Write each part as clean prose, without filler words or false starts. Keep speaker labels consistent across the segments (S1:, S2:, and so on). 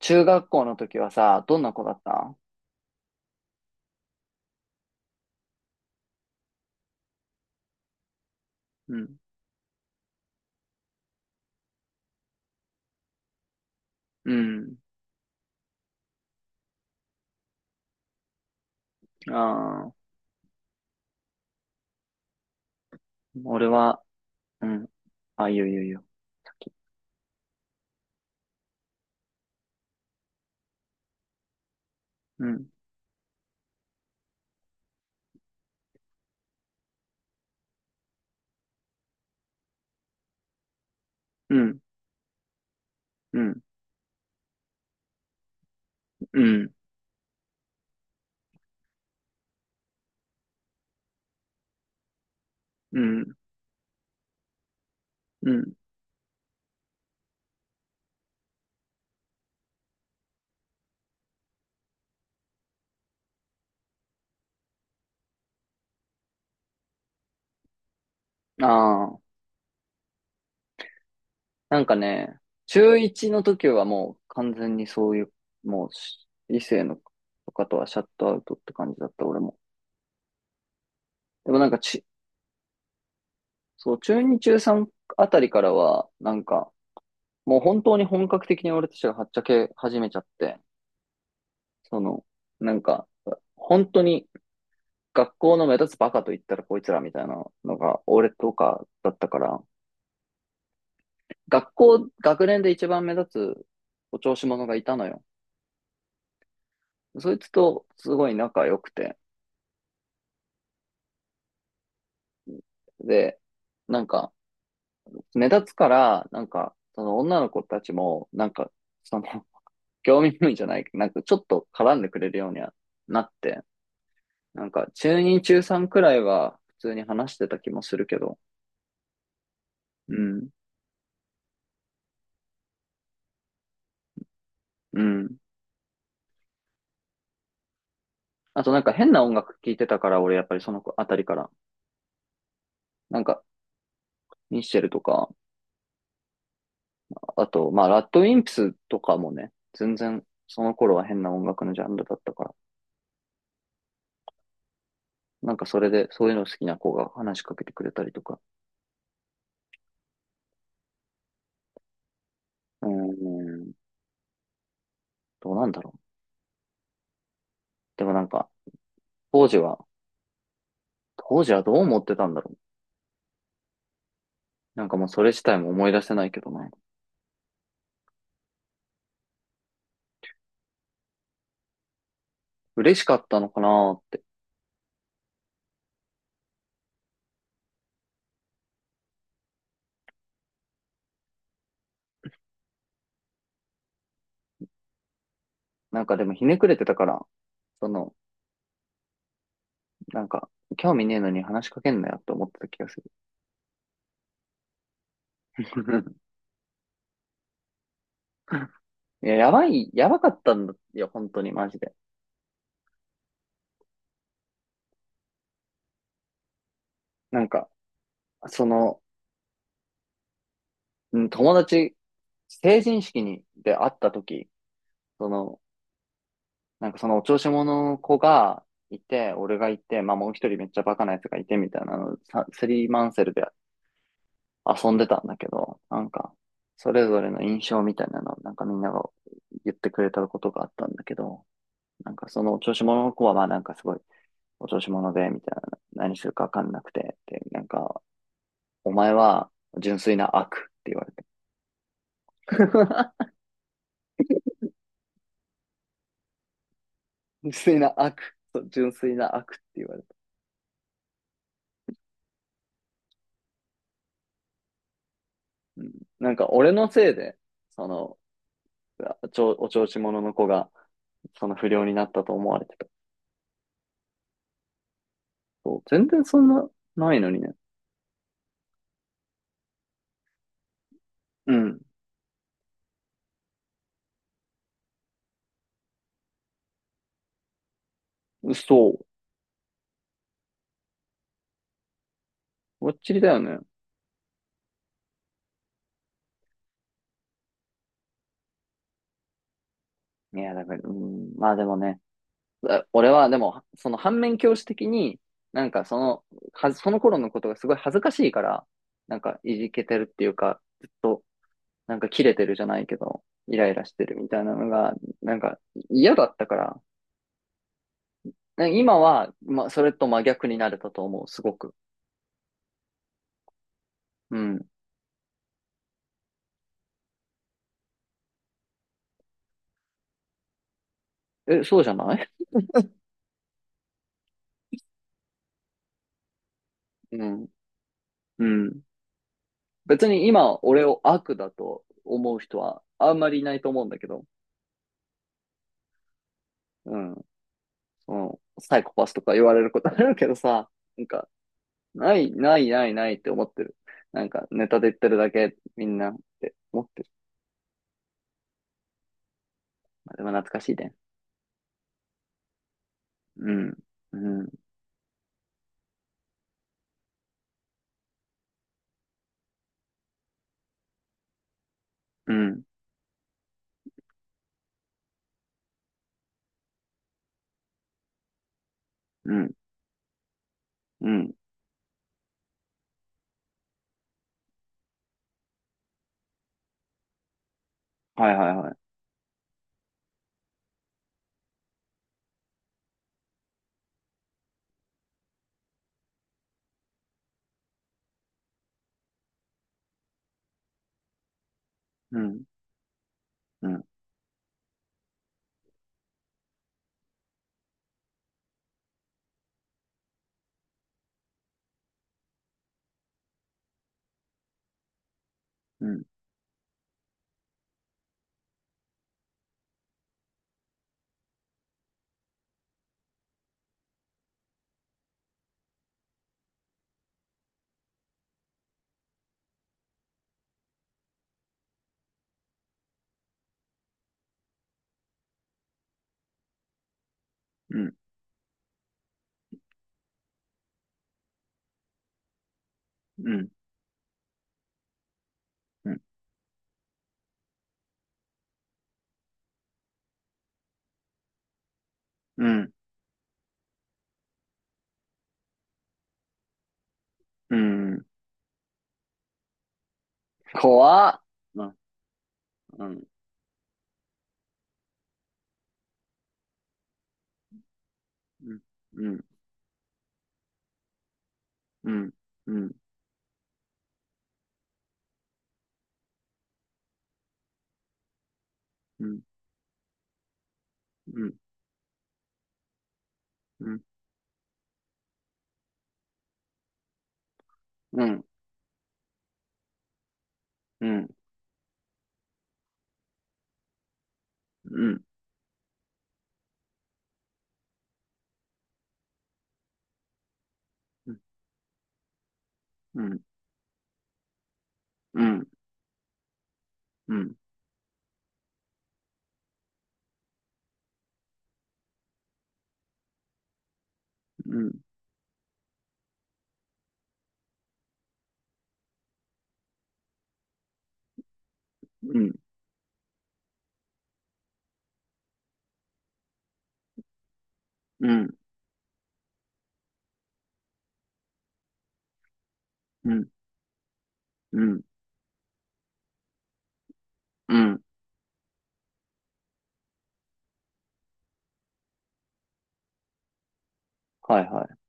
S1: 中学校の時はさ、どんな子だった？うん。うん。ああ、俺は、うん。あ、いいよいいよいいよ。うん。うん。うん。うん。うん。うん。ああ、なんかね、中1の時はもう完全にそういう、もうし異性のとかとはシャットアウトって感じだった、俺も。でもなんかち、そう、中2、中3あたりからは、もう本当に本格的に俺たちがはっちゃけ始めちゃって、その、なんか、本当に学校の目立つバカと言ったらこいつらみたいなのが、俺とかだったから、学年で一番目立つお調子者がいたのよ。そいつとすごい仲良くて。で、なんか、目立つから、その女の子たちも、その、興味本位じゃない、なんかちょっと絡んでくれるようにはなって、中2、中3くらいは普通に話してた気もするけど、うん、うん。あとなんか変な音楽聴いてたから、俺やっぱりその子あたりから。なんか、ミッシェルとか、あと、まあ、ラッドウィンプスとかもね、全然その頃は変な音楽のジャンルだったから、なんかそれでそういうの好きな子が話しかけてくれたりとか、うーん、どうなんだろう。でもなんか、当時は、当時はどう思ってたんだろう。なんかもうそれ自体も思い出せないけどね。嬉しかったのかなーって。なんかでもひねくれてたから、その、なんか、興味ねえのに話しかけんなよって思ってた気がする。いや、やばい、やばかったんだよ、本当に、マジで。なんか、その、うん、友達、成人式に、で会った時、その、なんかそのお調子者の子がいて、俺がいて、まあもう一人めっちゃバカなやつがいてみたいなの、さスリーマンセルで遊んでたんだけど、それぞれの印象みたいなのをなんかみんなが言ってくれたことがあったんだけど、なんかそのお調子者の子はまあなんかすごいお調子者で、みたいな、何するかわかんなくて、で、なんか、お前は純粋な悪って言われて。純粋な悪。純粋な悪って言われた。うん。なんか俺のせいで、その、お調子者の子が、その不良になったと思われてた。そう。全然そんな、ないのにね。うん。そう。ぼっちりだよね。いや、だから、うん。まあでもね、俺はでも、その反面教師的に、なんかその、その頃のことがすごい恥ずかしいから、なんかいじけてるっていうか、ずっと、なんか切れてるじゃないけど、イライラしてるみたいなのが、なんか嫌だったから、今は、まあ、それと真逆になれたと思う、すごく。うん。え、そうじゃない？うん。うん。別に今、俺を悪だと思う人はあんまりいないと思うんだけど、うん。その、サイコパスとか言われることあるけどさ、なんか、ない、ない、ない、ないって思ってる。なんか、ネタで言ってるだけ、みんなって思ってる。まあ、でも懐かしいね。うん。うん。うん。うん。うん。はいはいはい。うん。うん。うん。うん。うん。うん。うん。うん。怖っ。うん、うん、うん、うん、うん、うん、うん、うん、うん、うん、うん、うん、うん、うん、うん、うん、うん、うん、うん、うん、うん、はいはい。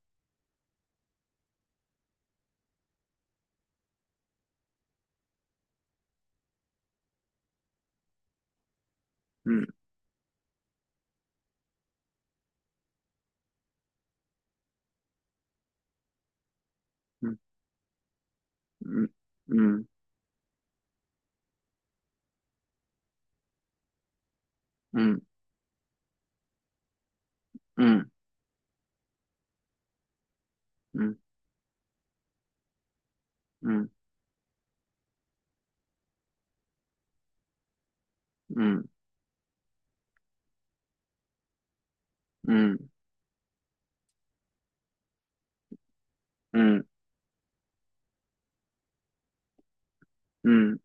S1: うん、うん、うん、うん、うん、うん、うん、うん、うん、うん、うん、うん、うん、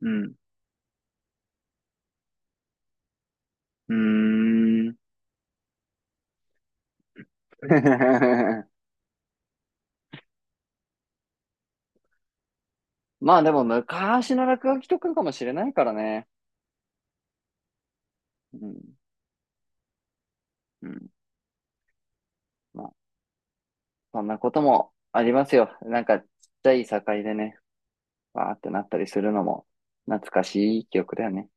S1: うん、ーまあでも昔の落書きとかかもしれないからね。うん、うん。そんなこともありますよ。ちっちゃい境でね、わーってなったりするのも、懐かしい記憶だよね。